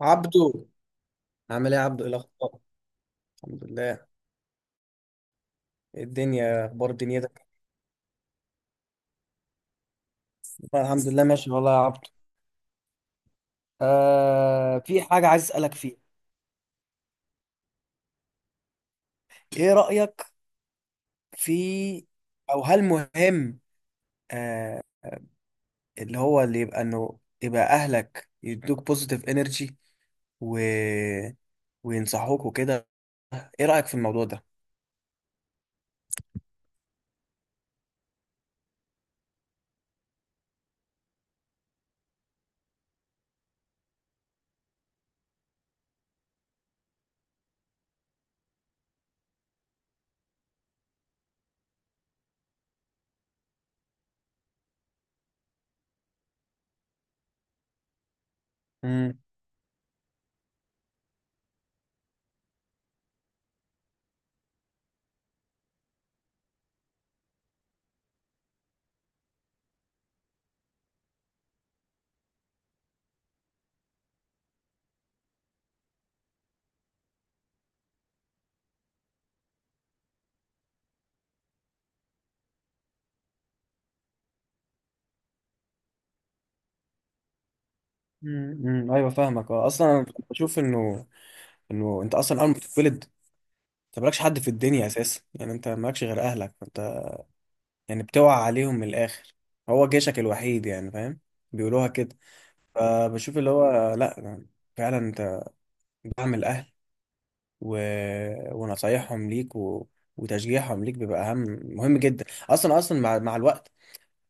عبدو. عامل ايه يا عبدو، ايه الاخبار؟ الحمد لله. إيه الدنيا، اخبار دنيتك؟ الحمد لله ماشي والله يا عبدو. في حاجه عايز اسالك فيها. ايه رايك في او هل مهم؟ آه. اللي هو اللي يبقى انه يبقى اهلك يدوك بوزيتيف انرجي، و... وينصحوك وكده. ايه رايك في الموضوع ده؟ امم ايوه، فاهمك. اصلا أنا بشوف انه انت اصلا اول ما بتتولد، انت مالكش حد في الدنيا اساسا. يعني انت مالكش غير اهلك انت. يعني بتوقع عليهم من الاخر. هو جيشك الوحيد، يعني فاهم، بيقولوها كده. فبشوف اللي هو لا، فعلا انت دعم الاهل و... ونصايحهم ليك وتشجيعهم ليك بيبقى اهم، مهم جدا اصلا. مع الوقت،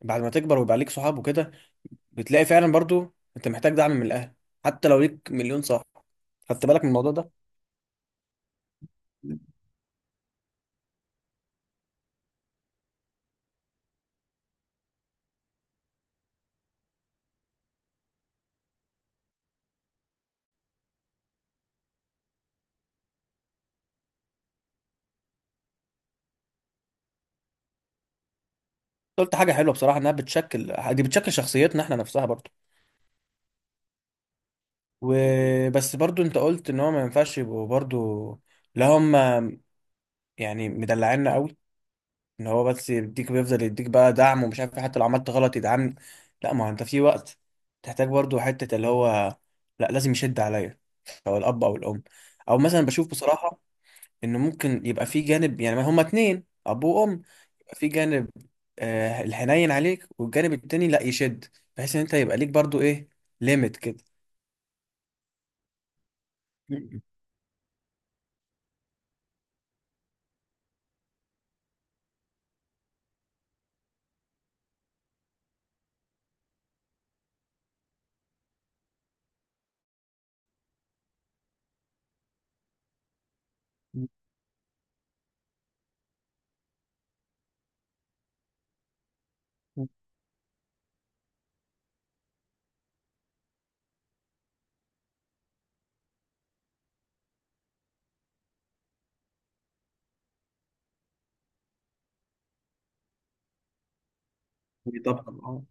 بعد ما تكبر ويبقى ليك صحاب وكده، بتلاقي فعلا برضو انت محتاج دعم من الاهل حتى لو ليك مليون صاحب. خدت بالك من الموضوع ده؟ قلت حاجة حلوة بصراحة، انها بتشكل، دي بتشكل شخصيتنا احنا نفسها برضو. وبس برضو انت قلت ان هو ما ينفعش يبقوا برضو، لا هم، يعني، مدلعنا قوي، ان هو بس يديك، بيفضل يديك بقى دعم، ومش عارف إيه، حتى لو عملت غلط يدعمني. لا، ما هو انت في وقت تحتاج برضو حتة اللي هو، لا، لازم يشد عليا، سواء الاب او الام. او مثلا بشوف بصراحة ان ممكن يبقى في جانب، يعني ما هما اتنين اب وام، يبقى في جانب آه الحنين عليك، والجانب التاني لا يشد، بحيث ان انت يبقى ليك برضو ايه، ليميت كده. مم. طبعا، اه.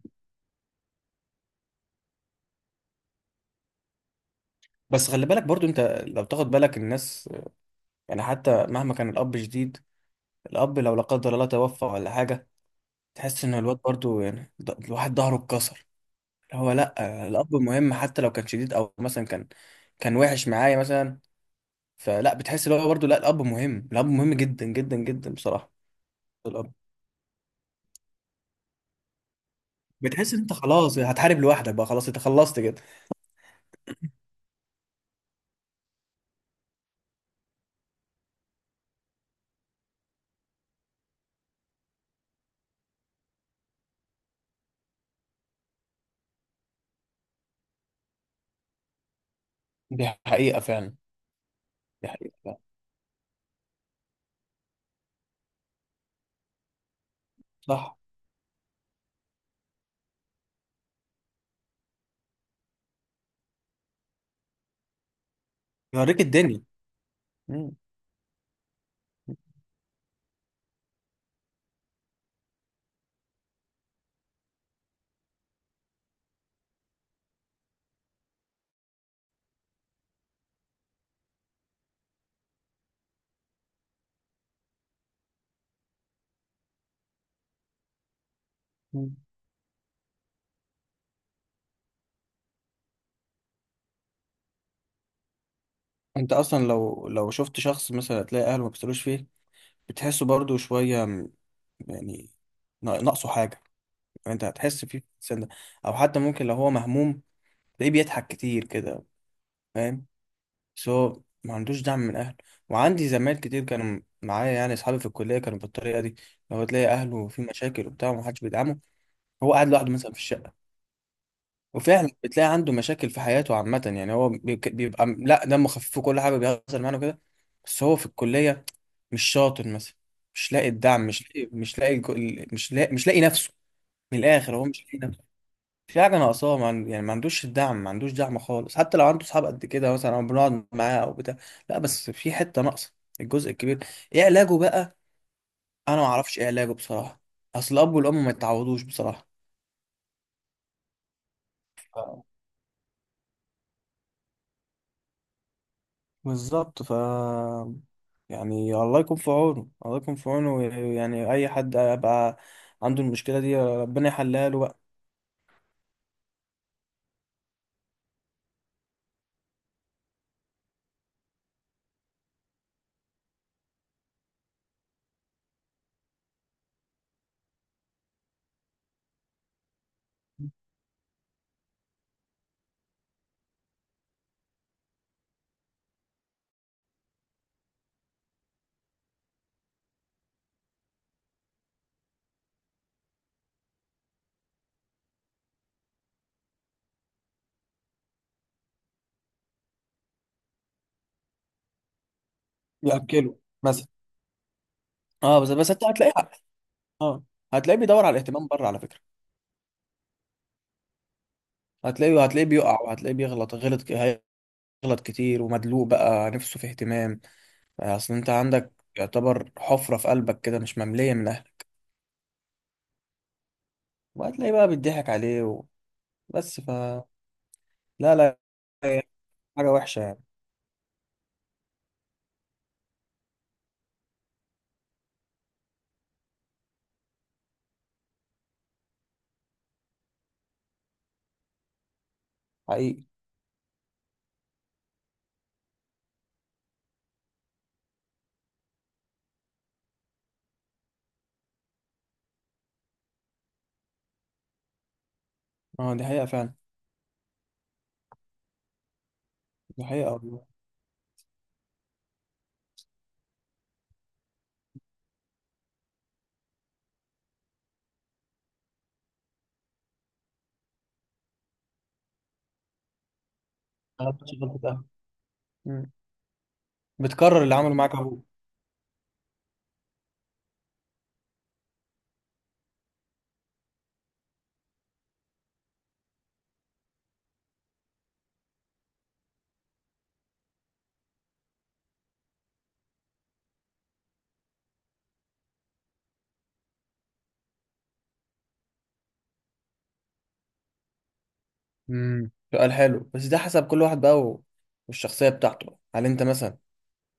بس خلي بالك برضو انت، لو تاخد بالك الناس، يعني حتى مهما كان الاب شديد، الأب لو لا قدر الله توفى ولا حاجة، تحس إن الواد برضو يعني الواحد ظهره اتكسر. اللي هو لأ، الأب مهم حتى لو كان شديد، أو مثلا كان وحش معايا مثلا. فلا، بتحس اللي هو برضو لأ، الأب مهم، الأب مهم جدا جدا جدا بصراحة. الأب، بتحس إن أنت خلاص، يعني هتحارب لوحدك بقى، خلاص أنت خلصت كده. دي حقيقة فعلا. دي حقيقة فعلا. صح. يوريك الدنيا. مم. مم. أنت أصلا لو شفت شخص مثلا، تلاقي أهله ما بيسألوش فيه، بتحسه برضو شوية يعني، ناقصه حاجة. انت هتحس فيه، في الانسان ده. او حتى ممكن لو هو مهموم، تلاقيه بيضحك كتير كده، فاهم، بس هو ما عندوش دعم من اهله. وعندي زمايل كتير كانوا معايا، يعني اصحابي في الكليه كانوا بالطريقه دي. لو تلاقي اهله في مشاكل وبتاع، ومحدش بيدعمه، هو قاعد لوحده مثلا في الشقه. وفعلا بتلاقي عنده مشاكل في حياته عامه. يعني هو بيبقى لا، دمه خفيف، وكل حاجه بيحصل معانا كده. بس هو في الكليه مش شاطر مثلا، مش لاقي الدعم، مش لاقي نفسه. من الاخر هو مش لاقي، في حاجة ناقصاه. ما عن- يعني ما عندوش الدعم، ما عندوش دعم خالص، حتى لو عنده صحاب قد كده مثلا، أو بنقعد معاه أو بتاع. لا بس في حتة ناقصة، الجزء الكبير. إيه علاجه بقى؟ أنا ما أعرفش إيه علاجه بصراحة. أصل الأب والأم ما يتعوضوش بصراحة. ف- بالظبط، يعني الله يكون في عونه، الله يكون في عونه. يعني أي حد يبقى عنده المشكلة دي، ربنا يحلها له بقى. يأكله مثلا. اه، بس أنت هتلاقيه. اه، هتلاقيه بيدور على الاهتمام بره، على فكرة. هتلاقيه بيقع، وهتلاقيه بيغلط غلط، غلط كتير، ومدلوق بقى نفسه في اهتمام. اصل انت عندك يعتبر حفرة في قلبك كده، مش مملية من اهلك. وهتلاقي بقى بيضحك عليه بس ف لا، لا، هي حاجة وحشة يعني. حقيقي. اه، دي حقيقة فعلا. دي حقيقة والله. غلطتش غلطة اهل. مم. بتكرر اللي عمله معاك ابوك. امم، سؤال حلو، بس ده حسب كل واحد بقى، والشخصية بتاعته. هل انت مثلا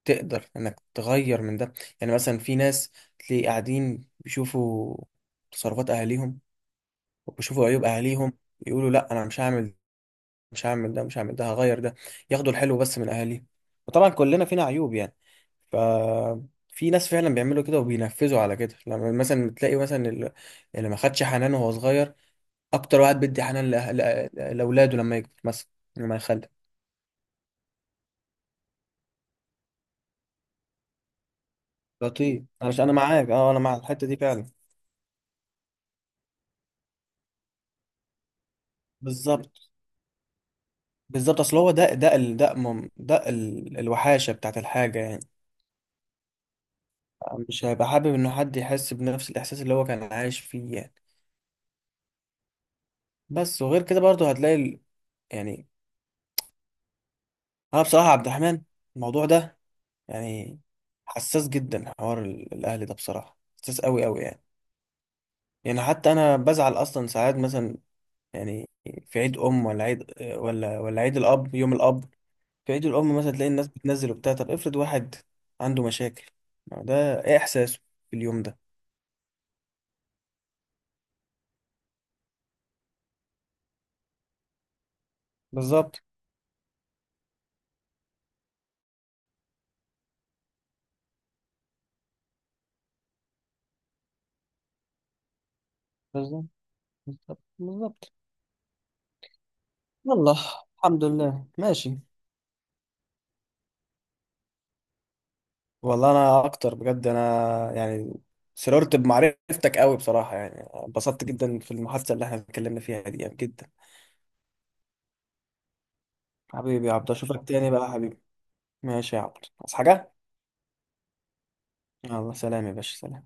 تقدر انك تغير من ده؟ يعني مثلا في ناس تلاقي قاعدين بيشوفوا تصرفات اهاليهم، وبيشوفوا عيوب اهاليهم، يقولوا لا، انا مش هعمل، مش هعمل ده، مش هعمل ده، هغير ده، ياخدوا الحلو بس من اهاليهم. وطبعا كلنا فينا عيوب يعني. ف، في ناس فعلا بيعملوا كده وبينفذوا على كده. لما مثلا تلاقي مثلا اللي ما خدش حنان وهو صغير، اكتر واحد بيدي حنان لاولاده لما يكبر مثلا، لما يخلف. لطيف، علشان انا معاك، اه، انا مع الحته دي فعلا. بالظبط، بالظبط. اصل هو ده ده ال- ده مم- ده ال- الوحاشه بتاعت الحاجه يعني. مش هيبقى حابب ان حد يحس بنفس الاحساس اللي هو كان عايش فيه يعني. بس وغير كده برضه هتلاقي يعني، انا بصراحه عبد الرحمن، الموضوع ده يعني، حساس جدا، حوار الاهلي ده بصراحه حساس قوي قوي يعني. يعني حتى انا بزعل اصلا ساعات مثلا، يعني في عيد ام، ولا عيد، ولا عيد الاب، يوم الاب، في عيد الام مثلا، تلاقي الناس بتنزل وبتاع، طب افرض واحد عنده مشاكل، ما هو ده ايه احساسه في اليوم ده؟ بالظبط، بالظبط، بالظبط، بالظبط. يلا، الحمد لله ماشي. والله انا اكتر، بجد انا يعني، سررت بمعرفتك قوي بصراحه يعني. انبسطت جدا في المحادثه اللي احنا اتكلمنا فيها دي، يعني جدا. حبيبي يا عبد، اشوفك تاني بقى يا حبيبي. ماشي يا عبد، عايز حاجه؟ يلا، سلام يا باشا، سلام.